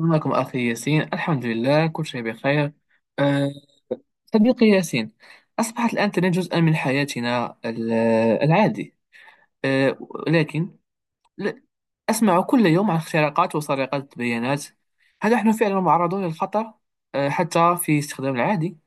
معكم أخي ياسين، الحمد لله كل شيء بخير. أه صديقي ياسين، أصبحت الآن الإنترنت جزءا من حياتنا العادي. أه لكن ل- أسمع كل يوم عن اختراقات وسرقات بيانات. هل نحن فعلا معرضون للخطر حتى في استخدام العادي؟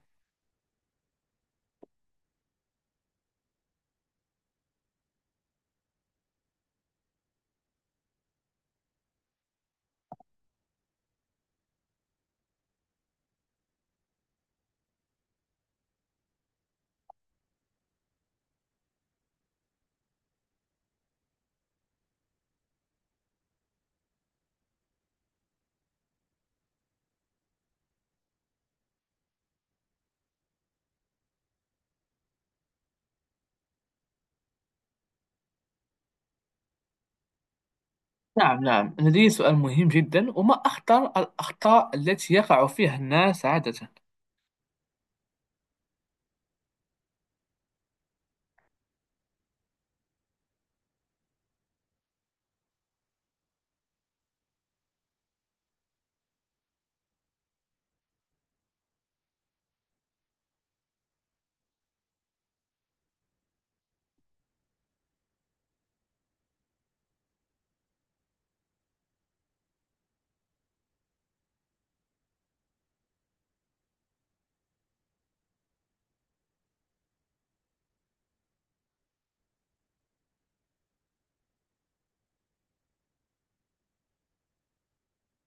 نعم نعم، لدي سؤال مهم جدا، وما أخطر الأخطاء التي يقع فيها الناس عادة؟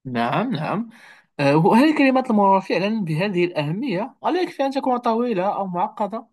نعم نعم، وهل الكلمات المرورة فعلا بهذه الأهمية؟ ولا يكفي أن تكون طويلة أو معقدة؟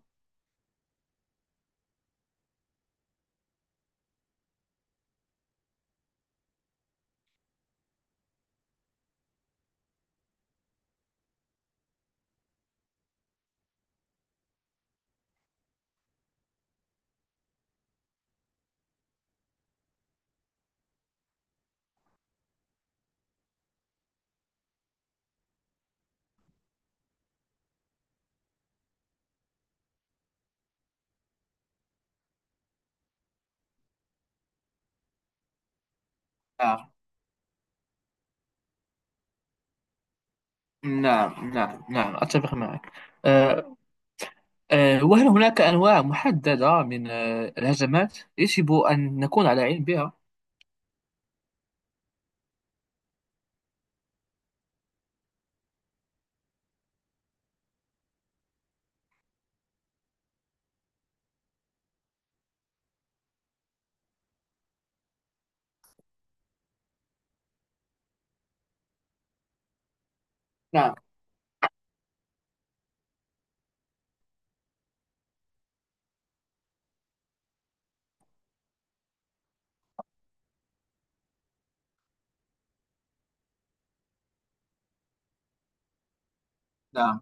نعم نعم نعم نعم، أتفق معك. أه، أه، وهل هناك أنواع محددة من الهجمات يجب أن نكون على علم بها؟ نعم نعم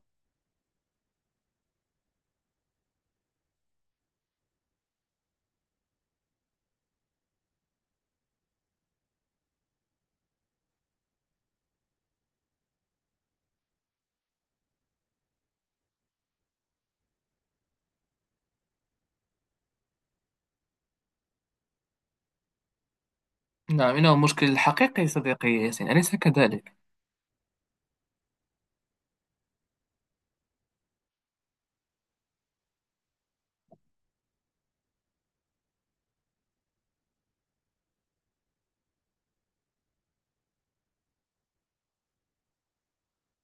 نعم، إنه مشكل حقيقي صديقي ياسين، أليس كذلك؟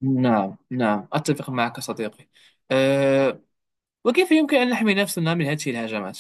نعم نعم، أتفق معك صديقي. أه، وكيف يمكن أن نحمي نفسنا من هذه الهجمات؟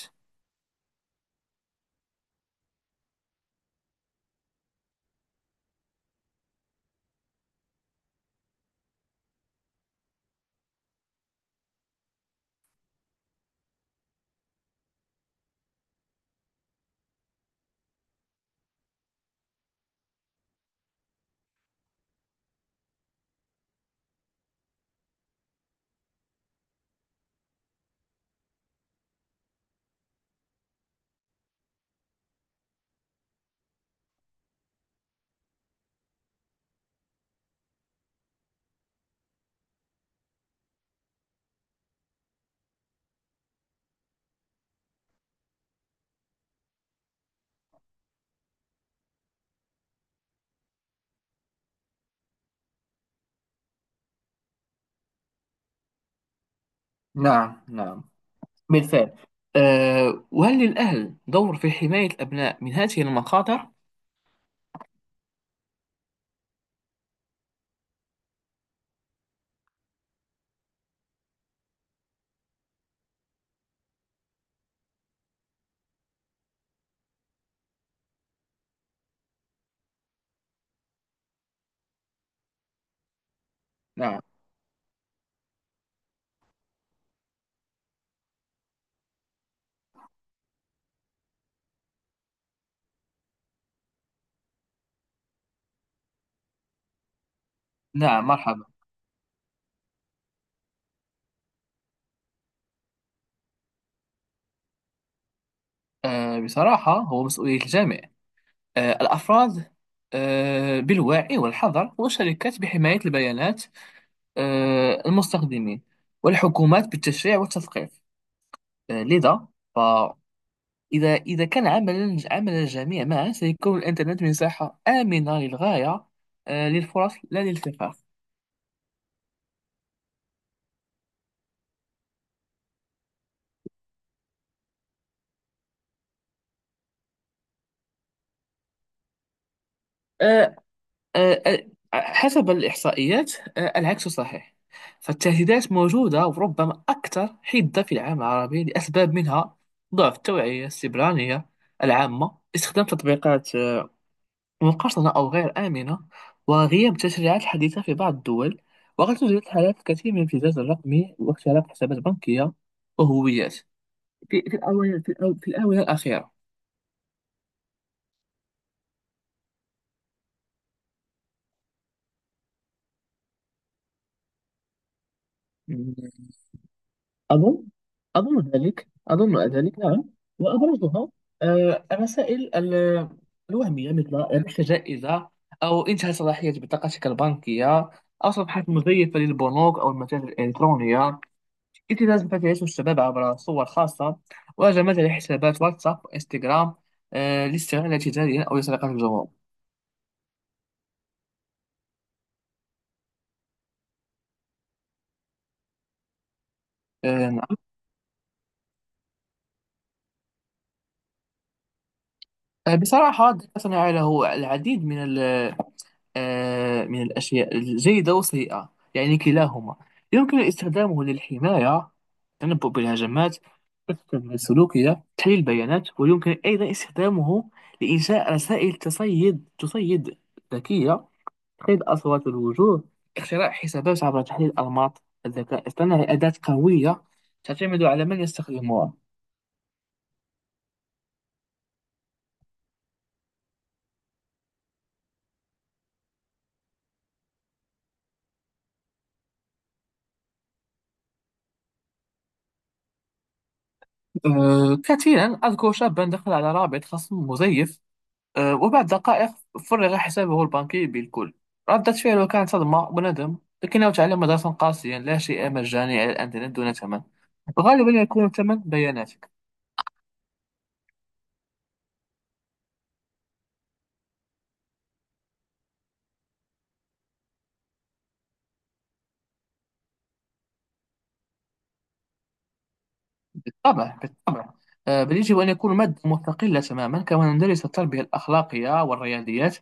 نعم نعم، بالفعل. وهل للأهل دور في حماية الأبناء من هذه المخاطر؟ نعم نعم، مرحبا. بصراحة هو مسؤولية الجامع، الأفراد بالوعي والحذر، والشركات بحماية البيانات المستخدمين، والحكومات بالتشريع والتثقيف. لذا فإذا إذا كان عمل الجميع معا، سيكون الإنترنت مساحة آمنة للغاية، للفرص لا للفقر. آه، آه، حسب الإحصائيات، العكس صحيح. فالتهديدات موجودة وربما أكثر حدة في العالم العربي، لأسباب منها ضعف التوعية السبرانية العامة، استخدام تطبيقات مقارنة أو غير آمنة، وغياب التشريعات الحديثة في بعض الدول. وقد توجد حالات كثير من الابتزاز الرقمي واختراق حسابات بنكية وهويات في الآونة الأخيرة. أظن، أظن ذلك، أظن ذلك نعم. وأبرزها الرسائل الوهمية، مثل ربحت جائزة، أو انتهى صلاحية بطاقتك البنكية، أو صفحات مزيفة للبنوك أو المتاجر الإلكترونية، ابتزاز ما تعيشه الشباب عبر صور خاصة، وهجمات على حسابات واتساب وإنستغرام، لاستغلال تجاريا أو لسرقة الجمهور. نعم. بصراحة الذكاء الاصطناعي له العديد من من الأشياء الجيدة والسيئة، يعني كلاهما. يمكن استخدامه للحماية، تنبؤ بالهجمات، التحليل السلوكية، تحليل البيانات. ويمكن أيضا استخدامه لإنشاء رسائل تصيد ذكية، تقييد أصوات الوجوه، اختراع حسابات عبر تحليل أنماط. الذكاء الاصطناعي أداة قوية، تعتمد على من يستخدمها. كثيرا. أذكر شابا دخل على رابط خصم مزيف، وبعد دقائق فرغ حسابه البنكي بالكل. ردة فعله كانت صدمة وندم، لكنه تعلم درسا قاسيا: لا شيء مجاني على الإنترنت دون ثمن، غالبا يكون الثمن بياناتك. بالطبع بالطبع. بل يجب أن يكون مادة مستقلة تماما، كما ندرس التربية الأخلاقية والرياضيات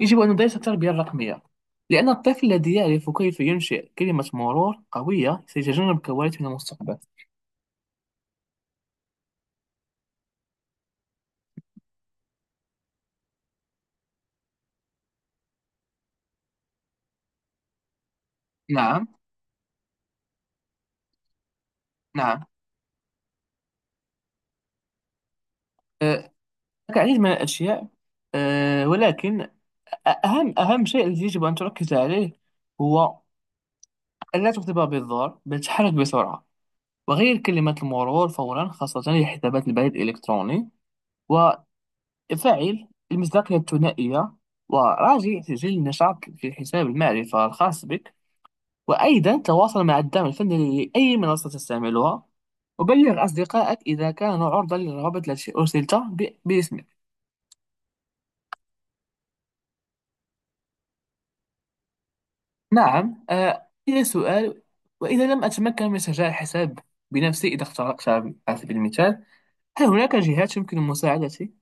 يجب أن ندرس التربية الرقمية، لأن الطفل الذي يعرف كيف ينشئ كلمة مرور قوية سيتجنب كوارث من المستقبل. نعم. نعم. أه، هناك العديد من الأشياء، ولكن أهم شيء الذي يجب أن تركز عليه هو أن لا تكتب بالظهر، بل تحرك بسرعة. وغير كلمات المرور فورا، خاصة لحسابات البريد الإلكتروني، وفعل المصداقية الثنائية، وراجع تسجيل النشاط في حساب المعرفة الخاص بك، وأيضا تواصل مع الدعم الفني لأي منصة تستعملها، وبلغ أصدقائك إذا كانوا عرضة للروابط التي أرسلت باسمك. نعم، إلى سؤال. وإذا لم أتمكن من سجاع الحساب بنفسي، إذا اخترقت على سبيل المثال، هل هناك جهات يمكن مساعدتي؟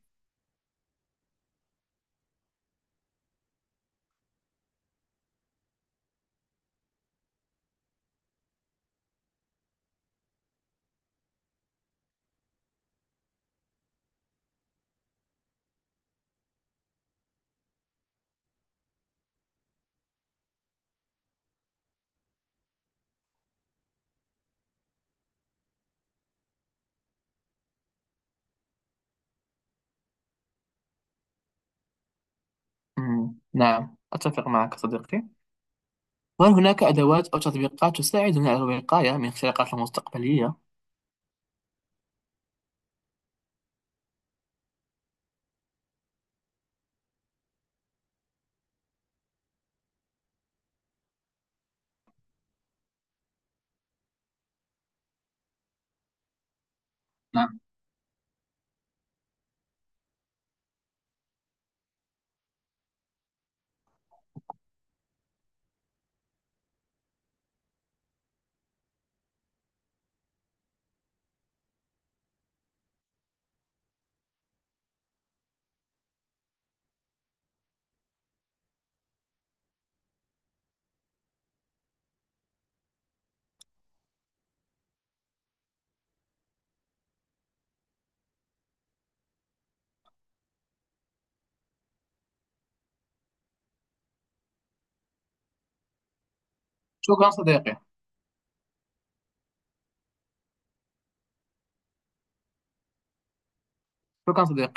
مم، نعم، أتفق معك صديقي. وهل هناك أدوات أو تطبيقات تساعدنا على الوقاية من اختراقات المستقبلية؟ نعم. شكرا صديقي. شكرا صديقي.